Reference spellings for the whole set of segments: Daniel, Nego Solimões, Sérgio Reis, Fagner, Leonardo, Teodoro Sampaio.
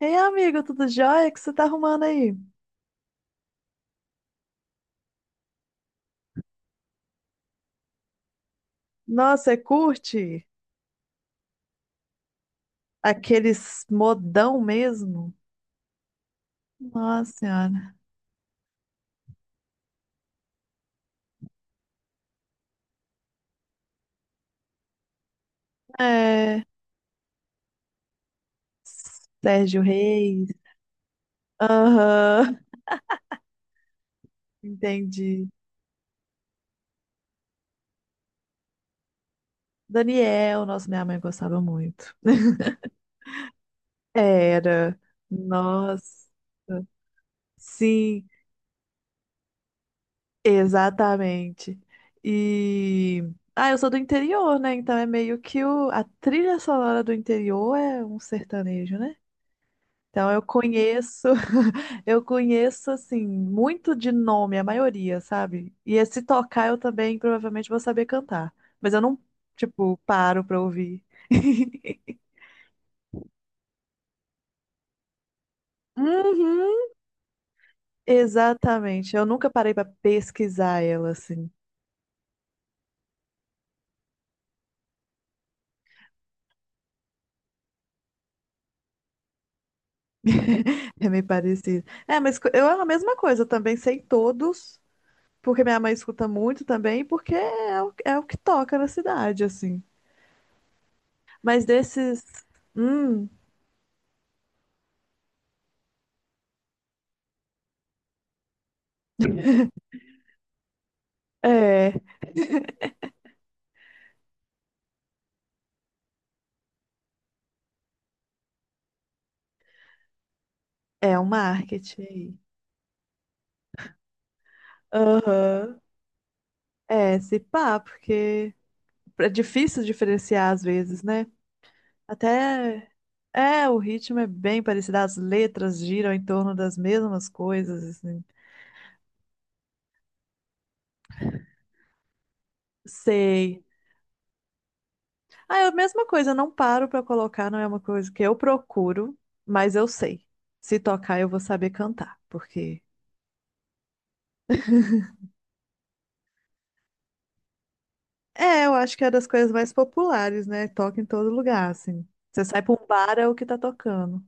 Ei, amigo, tudo jóia? O que você tá arrumando aí? Nossa, você curte aqueles modão mesmo? Nossa senhora. É. Sérgio Reis. Aham, entendi. Daniel, nossa, minha mãe gostava muito. Era. Nossa. Sim, exatamente. E. Ah, eu sou do interior, né? Então é meio que o a trilha sonora do interior é um sertanejo, né? Então eu conheço, eu conheço assim, muito de nome, a maioria, sabe? E se tocar eu também provavelmente vou saber cantar, mas eu não, tipo, paro pra ouvir. Uhum. Exatamente, eu nunca parei pra pesquisar ela assim. É meio parecido. É, mas eu é a mesma coisa, eu também sei todos, porque minha mãe escuta muito também, porque é o que toca na cidade, assim. Mas desses. Hum, é. É o marketing aí. Aham. É, se pá, porque é difícil diferenciar às vezes, né? Até é, o ritmo é bem parecido, as letras giram em torno das mesmas coisas, assim. Sei. Ah, é a mesma coisa, eu não paro pra colocar, não é uma coisa que eu procuro, mas eu sei. Se tocar, eu vou saber cantar, porque é, eu acho que é das coisas mais populares, né? Toca em todo lugar, assim. Você sai pra um bar, é o que tá tocando.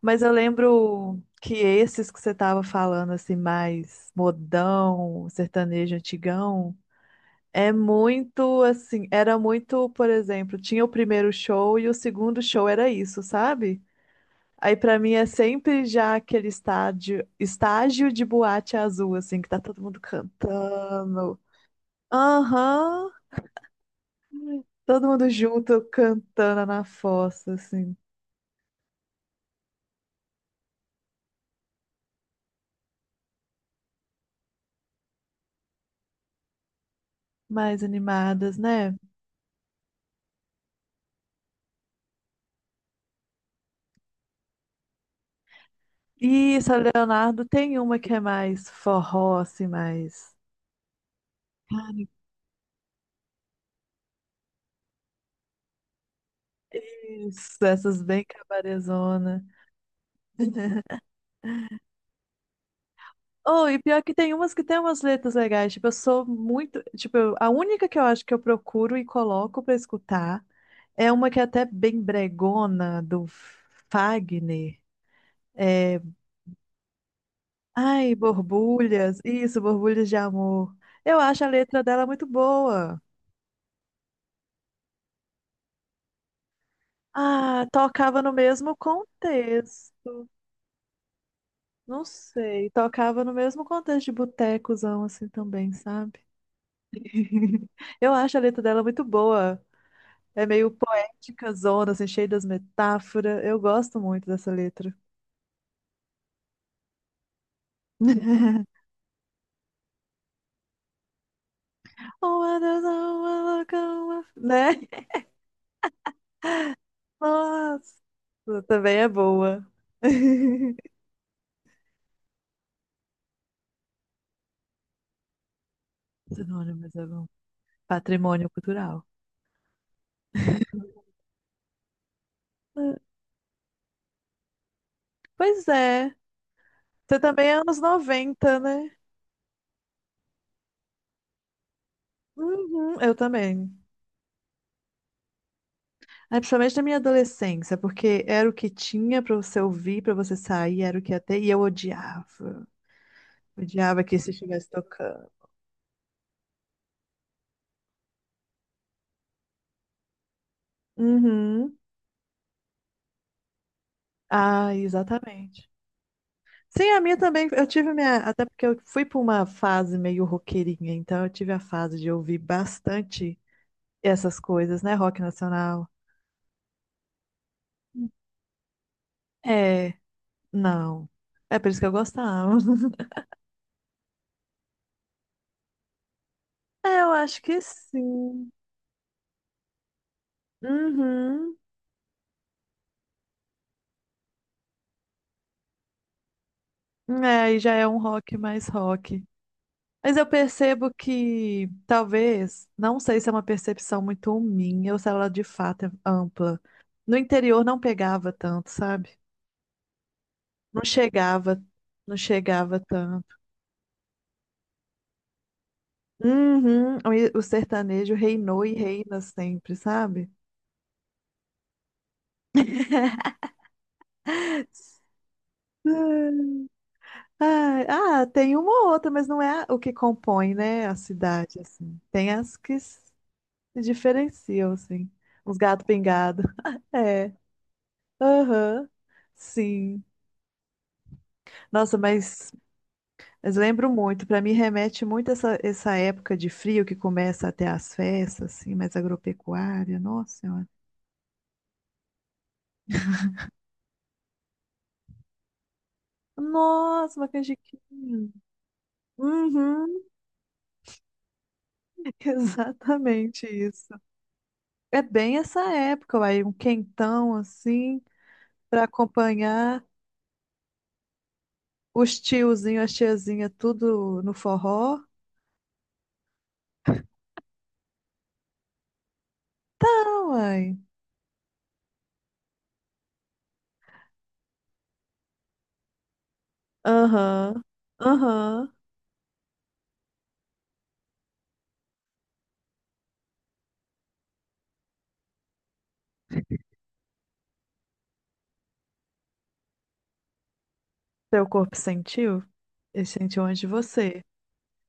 Mas eu lembro que esses que você estava falando, assim, mais modão, sertanejo antigão, é muito assim, era muito, por exemplo, tinha o primeiro show e o segundo show era isso, sabe? Aí pra mim é sempre já aquele estádio, estágio de boate azul, assim, que tá todo mundo cantando. Aham, todo mundo junto cantando na fossa, assim, mais animadas, né? Isso, a Leonardo tem uma que é mais forró, assim, mais. Cara, isso, essas bem cabarezona. Oh, e pior que tem umas letras legais. Tipo, eu sou muito. Tipo, a única que eu acho que eu procuro e coloco pra escutar é uma que é até bem bregona, do Fagner. É, ai, borbulhas. Isso, borbulhas de amor. Eu acho a letra dela muito boa. Ah, tocava no mesmo contexto. Não sei, tocava no mesmo contexto de botecozão, assim também, sabe? Eu acho a letra dela muito boa. É meio poética, zona, assim, cheia das metáforas. Eu gosto muito dessa letra. Oh, my Deus, Né? Nossa, também é boa. Sinônimos é bom. Patrimônio cultural. É, pois é. Você também é anos 90, né? Uhum, eu também. É, principalmente na minha adolescência, porque era o que tinha pra você ouvir, pra você sair, era o que ia ter, e eu odiava. Odiava que isso estivesse tocando. Uhum. Ah, exatamente. Sim, a minha também. Eu tive minha. Até porque eu fui pra uma fase meio roqueirinha, então eu tive a fase de ouvir bastante essas coisas, né? Rock nacional. É, não. É por isso que eu gostava. É, eu acho que sim. Uhum. É, aí já é um rock mais rock. Mas eu percebo que talvez, não sei se é uma percepção muito minha ou se ela de fato é ampla. No interior não pegava tanto, sabe? Não chegava, não chegava tanto. Uhum, o sertanejo reinou e reina sempre, sabe? Ai, ah, tem uma ou outra, mas não é o que compõe, né, a cidade, assim. Tem as que se diferenciam, assim. Uns gato pingado. É, aham, sim. Nossa, mas lembro muito. Para mim remete muito essa época de frio que começa até as festas, assim, mais agropecuária. Nossa Senhora. Nossa, uma canjiquinha. Uhum, exatamente isso. É bem essa época, aí um quentão assim para acompanhar os tiozinhos, as tiazinhas, tudo no forró. Tá, uai. Aham, aham. Seu corpo sentiu? Ele sentiu antes de você.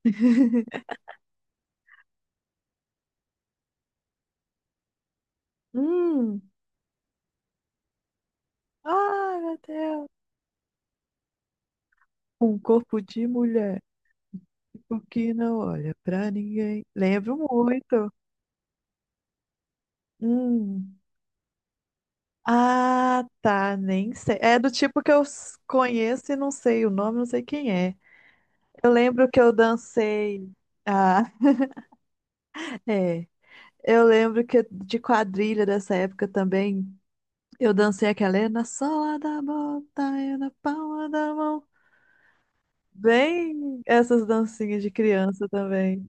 Hum. Ai, meu Deus. Um corpo de mulher, o que não olha pra ninguém. Lembro muito. Hum. Ah, tá, nem sei. É do tipo que conheço e não sei o nome, não sei quem é. Eu lembro que eu dancei. Ah, é. Eu lembro que de quadrilha dessa época também, eu dancei aquela é na sola da bota, é na palma da mão. Bem, essas dancinhas de criança também.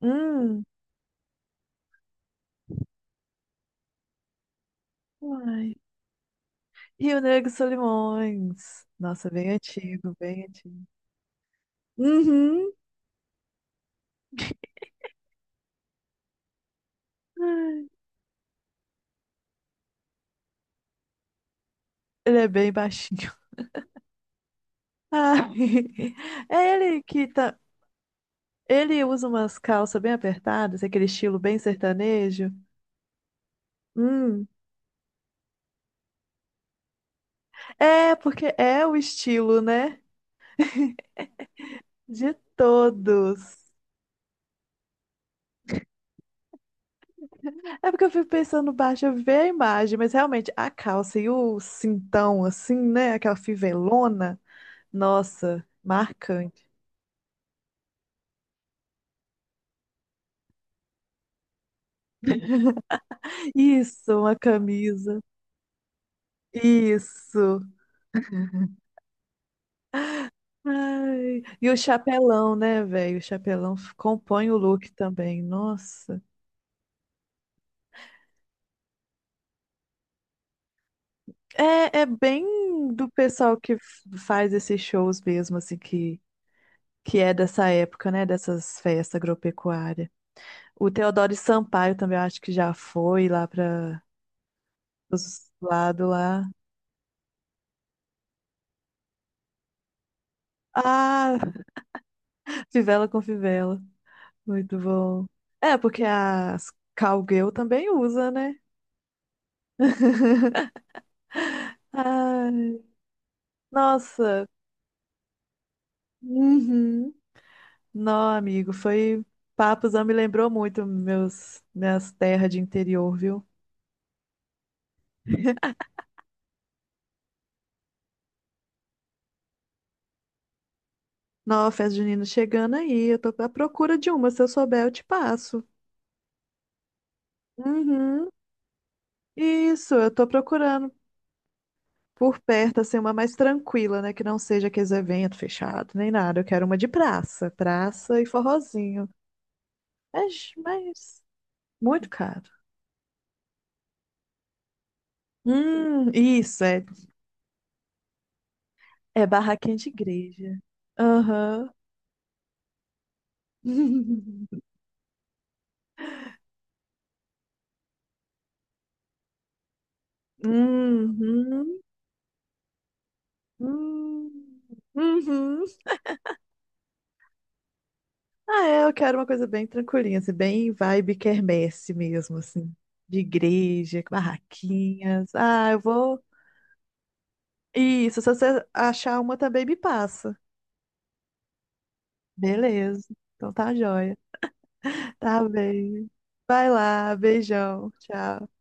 Hum. Uai. E o Nego Solimões. Nossa, bem antigo, bem antigo. Uhum. Ele é bem baixinho. Ai, é ele que tá. Ele usa umas calças bem apertadas, aquele estilo bem sertanejo. Hum. É, porque é o estilo, né? De todos. É porque eu fico pensando baixo, eu vi a imagem, mas realmente a calça e o cintão, assim, né? Aquela fivelona, nossa, marcante. Isso, uma camisa. Isso. Ai, e o chapelão, né, velho? O chapelão compõe o look também. Nossa. É, é bem do pessoal que faz esses shows mesmo, assim, que é dessa época, né? Dessas festas agropecuárias. O Teodoro Sampaio também, eu acho que já foi lá para os lados lá. Ah, fivela com fivela. Muito bom. É, porque as cowgirl também usa, né? Ah. Nossa, uhum. Não, amigo, foi papos, não me lembrou muito meus minhas terras de interior, viu? Não, festa junina chegando aí, eu tô à procura de uma, se eu souber eu te passo. Uhum. Isso, eu tô procurando por perto, assim, uma mais tranquila, né, que não seja aqueles eventos fechados, nem nada, eu quero uma de praça, praça e forrozinho. Mas muito caro. Isso, é, é barraquinha de igreja. Aham. Uhum. Hum. Uhum. Ah, é, eu quero uma coisa bem tranquilinha, assim, bem vibe quermesse mesmo, assim, de igreja, com barraquinhas. Ah, eu vou. Isso, se você achar uma também me passa. Beleza. Então tá joia. Tá bem. Vai lá, beijão. Tchau.